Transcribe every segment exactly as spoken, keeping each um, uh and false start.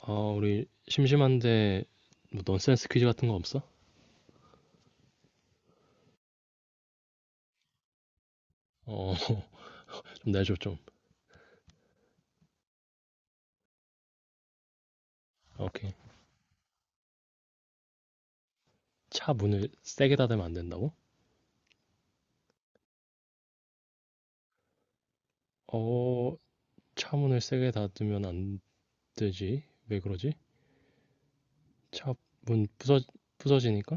아, 우리 심심한데 뭐 넌센스 퀴즈 같은 거 없어? 어, 좀 내줘 좀. 아, 오케이. 차 문을 세게 닫으면 안 된다고? 어, 차 문을 세게 닫으면 안 되지. 왜 그러지? 차 문 부서 부서지니까?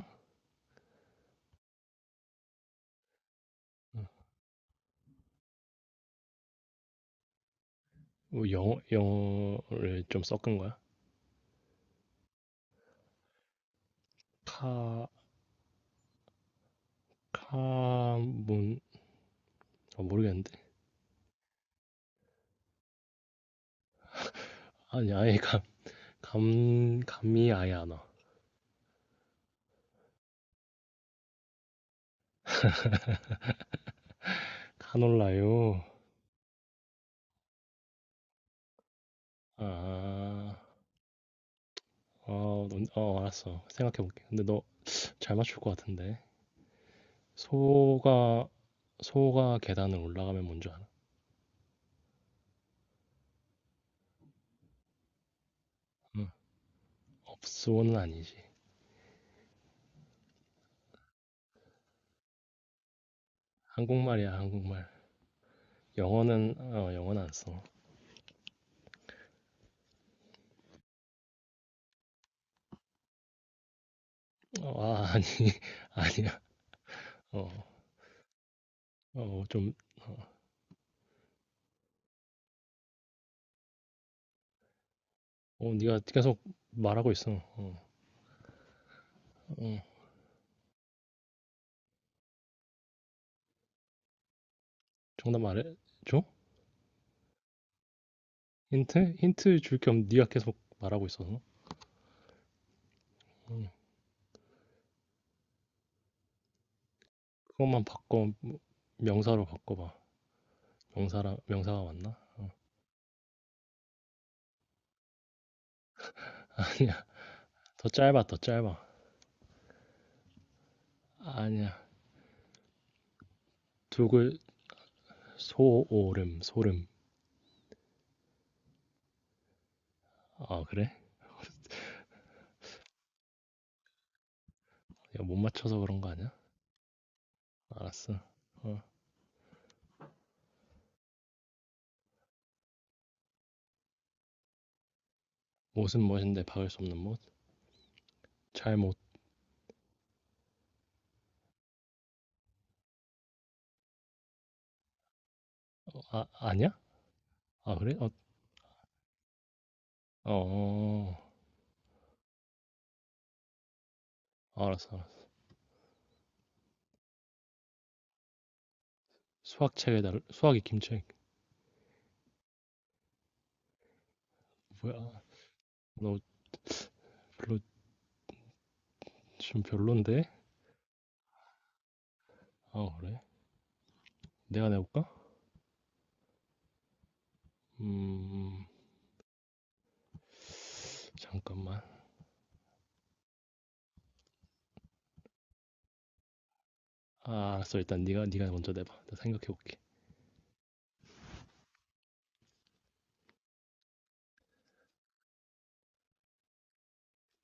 어, 뭐 영어 영어를 좀 섞은 거야? 카, 카, 문, 어, 모르겠는데. 아니, 아예 감, 감, 감이 아예 안 와. 카놀라요. 아, 아, 어, 넌- 어, 알았어. 생각해볼게. 근데 너 잘 맞출 것 같은데. 소가 소가 계단을 올라가면 뭔 줄 알아? 응. 업소는 아니지. 한국말이야, 한국말. 영어는 어, 영어는 안 써. 어, 아, 아니. 아니야. 어. 어, 좀 어, 어, 네가 계속 말하고 있어. 어. 어. 정답 말해 줘? 힌트? 힌트 줄 겸 네가 계속 말하고 있어서. 응. 그것만 바꿔 명사로 바꿔 봐. 명사라 명사가 맞나? 어. 아니야. 더 짧아, 더 짧아. 아니야. 두 글, 소오름 소름 아, 그래? 야, 못 맞춰서 그런 거 아니야? 알았어. 어. 못은 못인데 박을 수 없는 못? 잘못. 아, 아니야? 아, 그래? 어, 어, 어. 알았어, 알았어. 수학책에 달 수학이 김책. 뭐야? 너 별로. 좀 별론데? 아, 그래? 내가 내볼까? 음 잠깐만. 아, 알았어. 일단 네가 네가 먼저 내봐. 나 생각해볼게.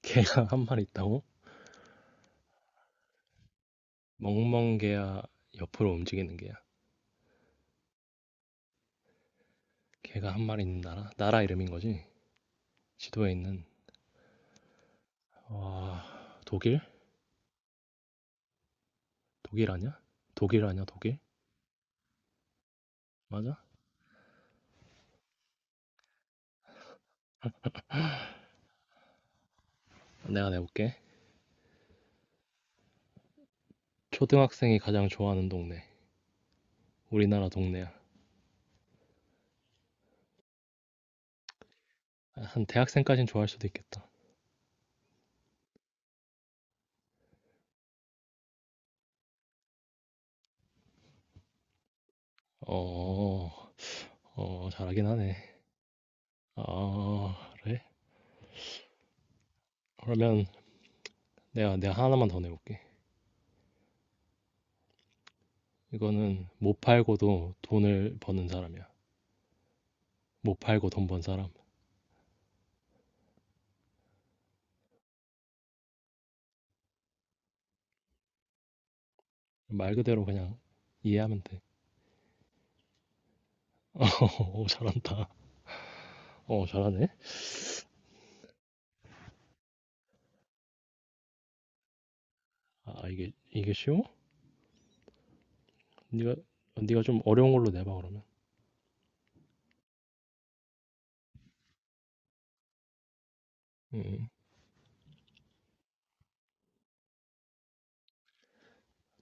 개가 한 마리 있다고? 멍멍개야. 옆으로 움직이는 개야. 개가 한 마리 있는 나라 나라 이름인 거지. 지도에 있는. 와, 독일? 독일 아니야? 독일 아니야, 독일? 맞아? 내가 내볼게. 초등학생이 가장 좋아하는 동네. 우리나라 동네야. 한 대학생까진 좋아할 수도 있겠다. 어, 어, 잘하긴 하네. 어, 그래? 그러면 내가, 내가 하나만 더 내볼게. 이거는 못 팔고도 돈을 버는 사람이야. 못 팔고 돈 번 사람. 말 그대로 그냥 이해하면 돼. 어, 잘한다. 어, 잘하네. 아, 이게, 이게 쉬워? 네가, 네가 좀 어려운 걸로 내봐, 그러면. 음. 음.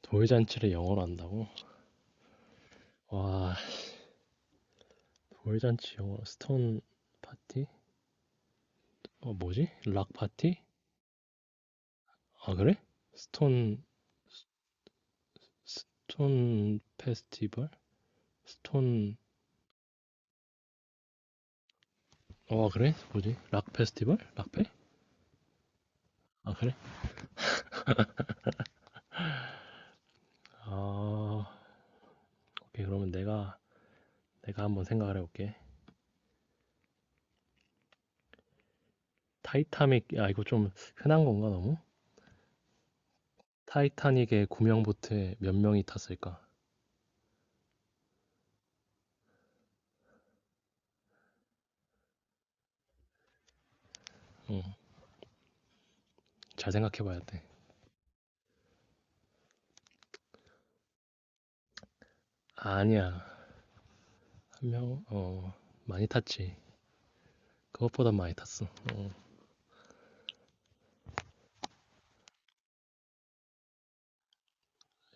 돌잔치를 영어로 한다고? 와, 돌잔치 영어 스톤 파티? 어, 뭐지? 락 파티? 아, 그래? 스톤 스톤 페스티벌? 스톤 어, 그래? 뭐지? 락 페스티벌? 락페? 아, 그래? 아, 오케이. 그러면 내가 내가 한번 생각을 해볼게. 타이타닉 아, 이거 좀 흔한 건가 너무? 타이타닉의 구명 보트에 몇 명이 탔을까? 응, 잘 생각해봐야 돼. 아니야, 한 명, 어, 많이 탔지. 그것보다 많이 탔어.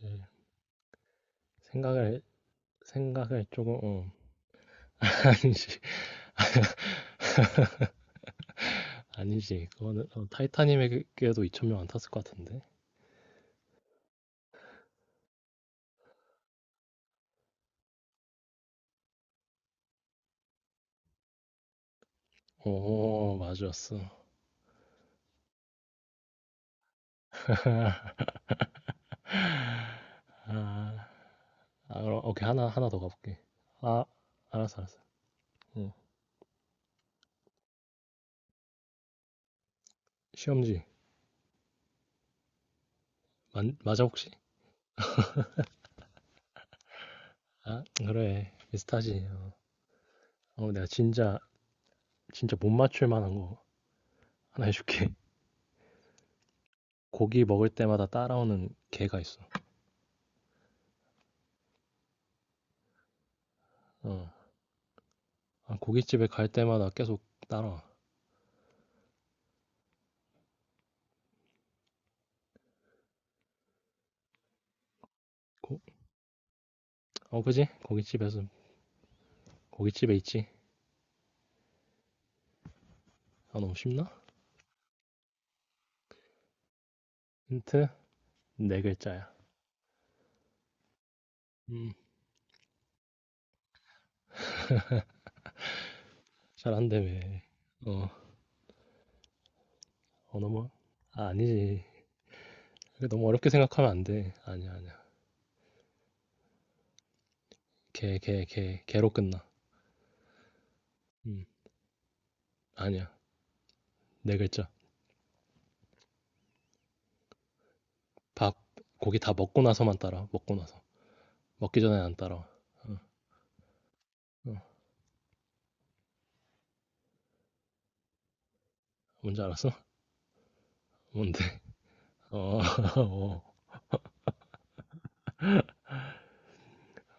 예. 생각을 생각을 조금 어. 아니지. 아니지. 그거는 어, 타이타닉에도 이천 명 안 탔을 것 같은데. 오, 맞았어. 아, 아, 그럼 오케이. 하나 하나 더 가볼게. 아, 알았어, 알았어. 어. 시험지. 맞, 맞아 혹시? 아, 그래. 비슷하지. 어, 내가 진짜 진짜 못 맞출 만한 거 하나 해줄게. 고기 먹을 때마다 따라오는 개가 있어. 어. 아, 고깃집에 갈 때마다 계속 따라와. 고, 어, 그지? 고깃집에서. 고깃집에 있지. 아, 너무 쉽나? 힌트? 네 글자야. 음, 잘한되며 어, 언 어너머? 아, 아니지. 이거 너무 어렵게 생각하면 안 돼. 아니야, 아니야. 개, 개, 개, 개로 끝나. 음, 아니야. 네 글자. 밥, 고기 다 먹고 나서만 따라. 먹고 나서. 먹기 전에 안 따라. 어, 어. 뭔지 알았어? 뭔데? 어, 어,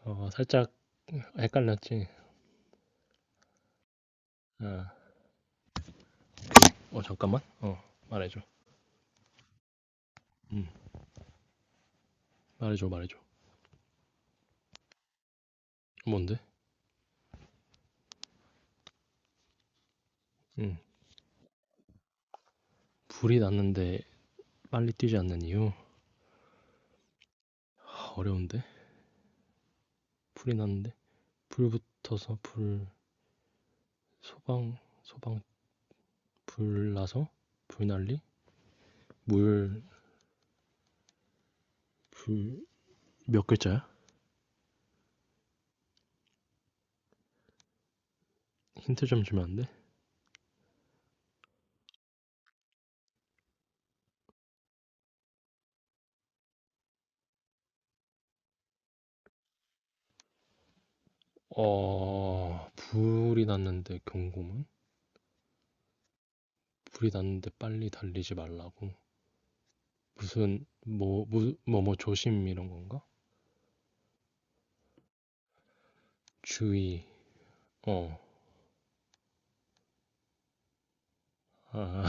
어, 살짝 헷갈렸지. 아, 어, 잠깐만. 어, 말해줘. 음, 말해줘, 말해줘. 뭔데? 음, 불이 났는데 빨리 뛰지 않는 이유? 하, 어려운데? 불이 났는데 불 붙어서 불 소방 소방 불 나서 불 난리 물 불 몇 글자야? 힌트 좀 주면 안 돼? 어, 불이 났는데 경고문. 불이 났는데 빨리 달리지 말라고 무슨 뭐뭐뭐 뭐, 뭐 조심 이런 건가? 주의. 어아. 아,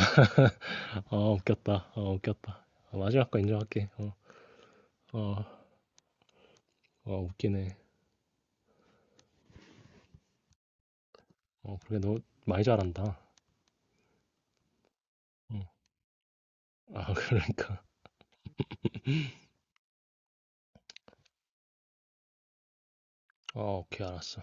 아, 웃겼다. 아 웃겼다. 아, 마지막 거 인정할게. 어어. 어, 어, 웃기네. 어, 그래. 너 많이 잘한다. 어. 아, 그러니까. 어, 오케이. 알았어.